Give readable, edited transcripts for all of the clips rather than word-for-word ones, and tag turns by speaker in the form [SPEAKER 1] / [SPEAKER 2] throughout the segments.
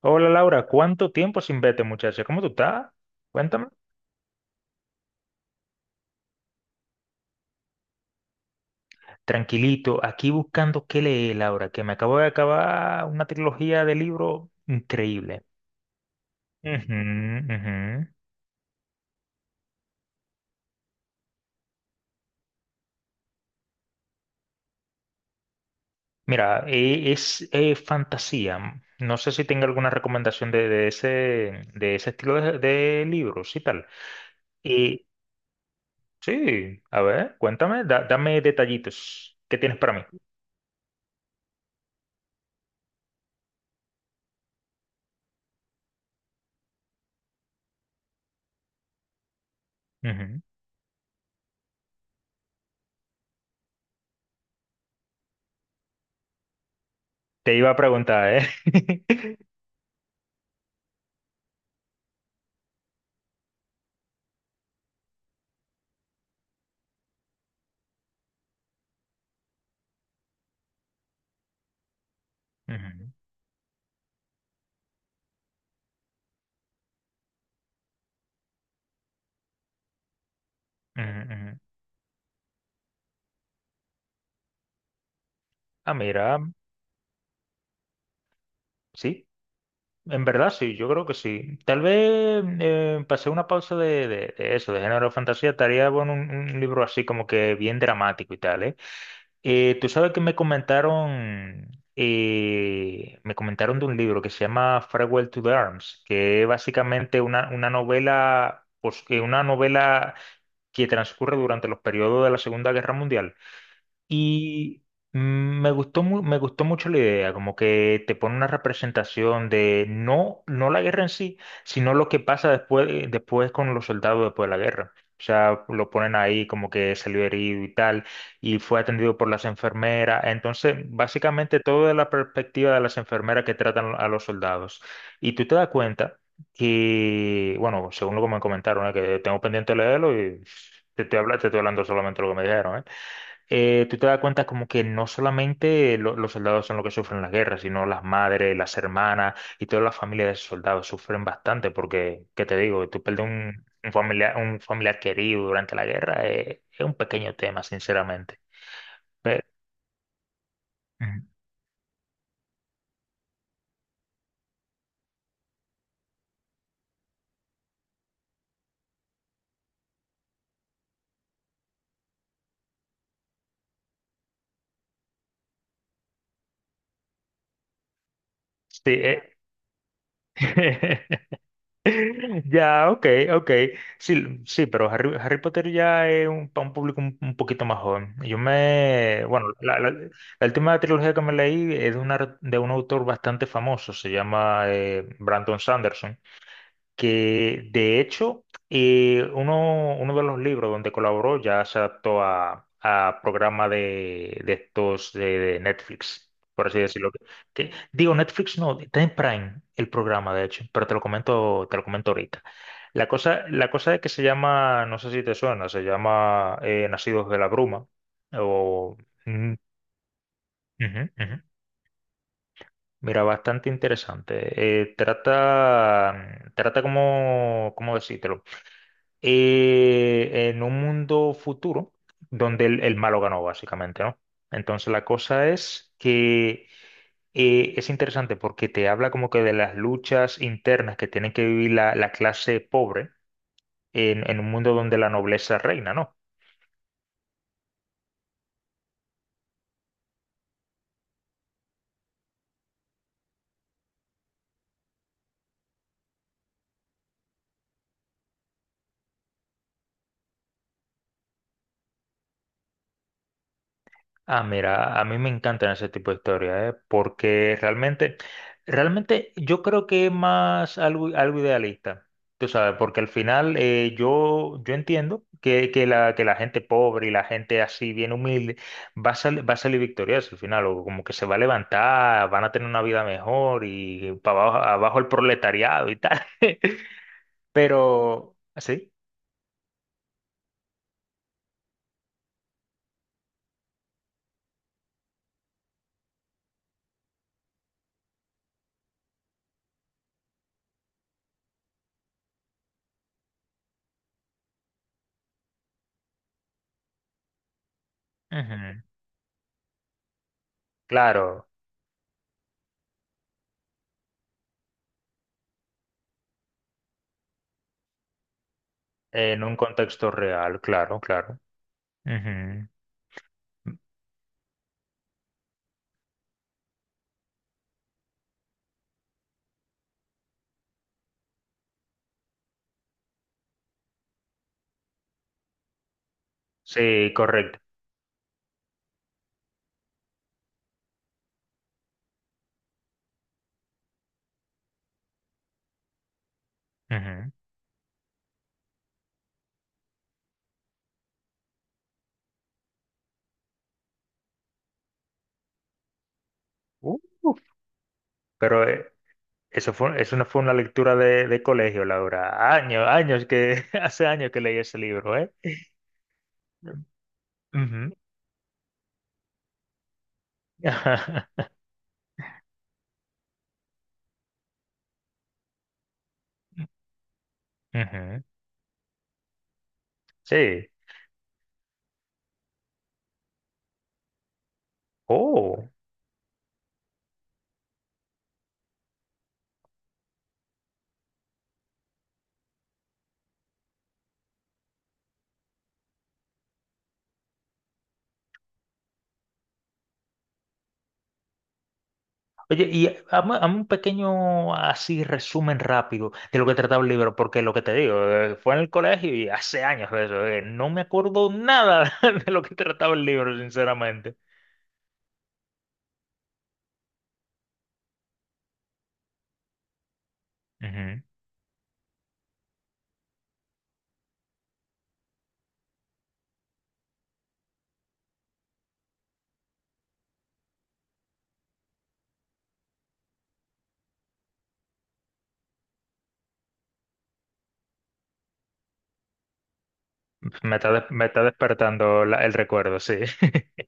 [SPEAKER 1] Hola Laura, ¿cuánto tiempo sin verte, muchacha? ¿Cómo tú estás? Cuéntame. Tranquilito, aquí buscando qué leer, Laura, que me acabo de acabar una trilogía de libros increíble. Ujú, ujú. Mira, es fantasía. No sé si tenga alguna recomendación de ese, de ese estilo de libros y tal. Y sí, a ver, cuéntame, dame detallitos. ¿Qué tienes para mí? Ujú. Te iba a preguntar, ¿eh? Ujú, ujú, ujú. Ah, mira. Sí, en verdad sí, yo creo que sí. Tal vez pasé una pausa de eso, de género de fantasía, estaría bueno un libro así como que bien dramático y tal, ¿eh? Tú sabes que me comentaron, me comentaron de un libro que se llama Farewell to the Arms, que es básicamente una novela, pues, una novela que transcurre durante los periodos de la Segunda Guerra Mundial. Y mm, me gustó mucho la idea, como que te pone una representación de no la guerra en sí, sino lo que pasa después, después con los soldados después de la guerra. O sea, lo ponen ahí como que salió herido y tal, y fue atendido por las enfermeras. Entonces, básicamente todo de la perspectiva de las enfermeras que tratan a los soldados. Y tú te das cuenta que, bueno, según lo que me comentaron, ¿eh? Que tengo pendiente de leerlo y te estoy hablando solamente de lo que me dijeron, ¿eh? Tú te das cuenta como que no solamente los soldados son los que sufren las guerras, sino las madres, las hermanas y toda la familia de esos soldados sufren bastante porque, ¿qué te digo? Tú perder un familiar querido durante la guerra, es un pequeño tema, sinceramente. Pero, ujú. Sí, Ya, ok, ok. Sí, sí, pero Harry Potter ya es para un público un poquito más joven. Bueno, la última trilogía que me leí es de un autor bastante famoso, se llama Brandon Sanderson, que de hecho uno de los libros donde colaboró ya se adaptó a programa de estos de Netflix, por así decirlo. Que, digo, Netflix no, está en Prime el programa, de hecho, pero te lo comento ahorita. La cosa es que se llama, no sé si te suena, se llama Nacidos de la Bruma. O, Mm, ujú, ujú. Mira, bastante interesante. Trata como, ¿cómo decírtelo? En un mundo futuro donde el malo ganó, básicamente, ¿no? Entonces la cosa es que es interesante porque te habla como que de las luchas internas que tienen que vivir la clase pobre en un mundo donde la nobleza reina, ¿no? Ah, mira, a mí me encantan ese tipo de historias, ¿eh? Porque realmente, realmente yo creo que es más algo idealista, tú sabes, porque al final yo entiendo que la gente pobre y la gente así bien humilde va a salir victoriosa al final, o como que se va a levantar, van a tener una vida mejor y para abajo, abajo el proletariado y tal, pero, ¿ah, ¿sí? Ujú, claro, en un contexto real, claro, claro. Ujú. Sí, correcto. Ujú. Uh, pero eso no fue una lectura de colegio, Laura. Años, años que, hace años que leí ese libro, ¿eh? Ujú. Ujú. Sí. Oh. Oye, y hazme un pequeño así resumen rápido de lo que trataba el libro, porque lo que te digo, fue en el colegio y hace años de eso, no me acuerdo nada de lo que trataba el libro, sinceramente. Ujú. Me está despertando el recuerdo, sí.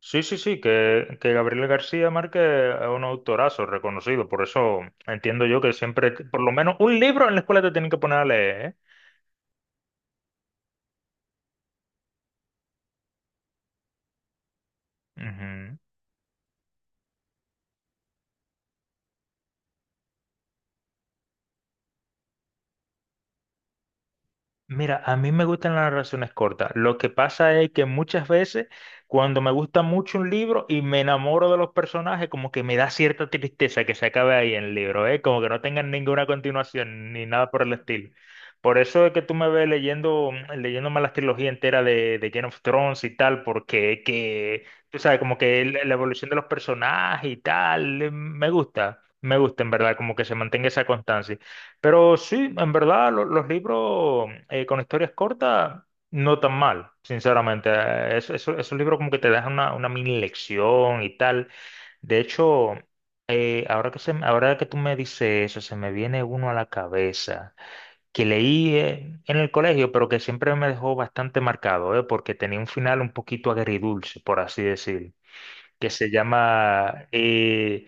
[SPEAKER 1] Sí, sí, sí, que Gabriel García Márquez es un autorazo reconocido, por eso entiendo yo que siempre, por lo menos un libro en la escuela te tienen que poner a leer, ¿eh? Mira, a mí me gustan las relaciones cortas. Lo que pasa es que muchas veces cuando me gusta mucho un libro y me enamoro de los personajes, como que me da cierta tristeza que se acabe ahí el libro, ¿eh? Como que no tengan ninguna continuación ni nada por el estilo. Por eso es que tú me ves leyendo, leyéndome las trilogías enteras de Game of Thrones y tal, porque tú sabes, como que la evolución de los personajes y tal, me gusta en verdad, como que se mantenga esa constancia. Pero sí, en verdad, los libros con historias cortas no tan mal, sinceramente. Esos libros como que te dejan una mini lección y tal. De hecho, ahora que se, ahora que tú me dices eso, se me viene uno a la cabeza que leí en el colegio, pero que siempre me dejó bastante marcado, porque tenía un final un poquito agridulce, por así decir, que se llama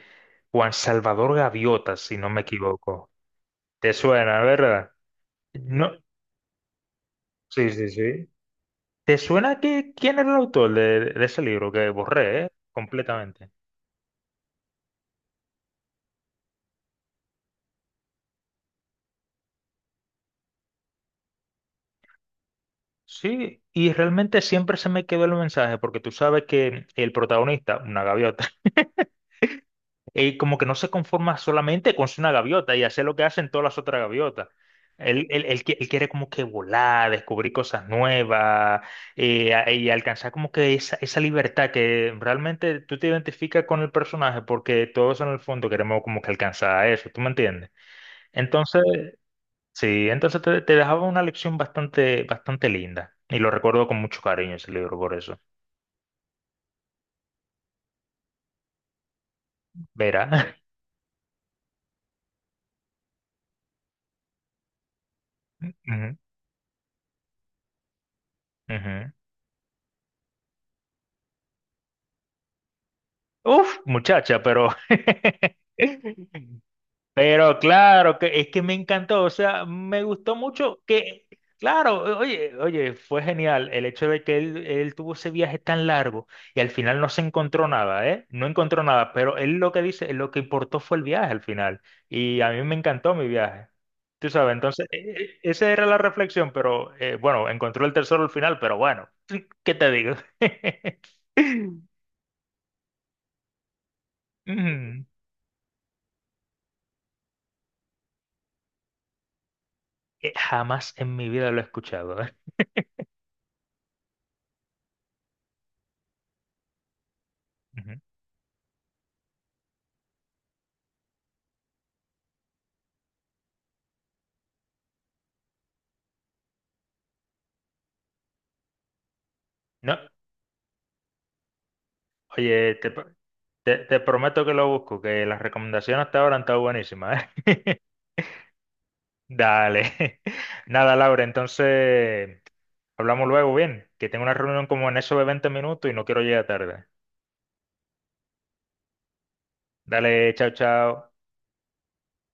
[SPEAKER 1] Juan Salvador Gaviota, si no me equivoco. ¿Te suena, verdad? No, sí, sí, sí. ¿Te suena que quién era el autor de ese libro que borré, eh? Completamente. Sí, y realmente siempre se me quedó el mensaje, porque tú sabes que el protagonista, una gaviota, él como que no se conforma solamente con ser una gaviota y hacer lo que hacen todas las otras gaviotas. Él quiere como que volar, descubrir cosas nuevas y alcanzar como que esa libertad que realmente tú te identificas con el personaje porque todos en el fondo queremos como que alcanzar eso, ¿tú me entiendes? Entonces, sí, entonces te dejaba una lección bastante, bastante linda. Y lo recuerdo con mucho cariño ese libro por eso. Verá. Ujú, ujú. Uf, muchacha, pero Pero claro, que es que me encantó, o sea, me gustó mucho que, claro, oye, oye, fue genial el hecho de que él tuvo ese viaje tan largo y al final no se encontró nada, ¿eh? No encontró nada, pero él lo que dice, lo que importó fue el viaje al final y a mí me encantó mi viaje. Tú sabes, entonces, esa era la reflexión, pero bueno, encontró el tesoro al final, pero bueno, ¿qué te digo? Mm, Jamás en mi vida lo he escuchado, ¿eh? Ujú. No. Oye, te prometo que lo busco, que las recomendaciones hasta ahora han estado buenísimas, ¿eh? Dale. Nada, Laura, entonces hablamos luego, bien, que tengo una reunión como en eso de 20 minutos y no quiero llegar tarde. Dale, chao, chao.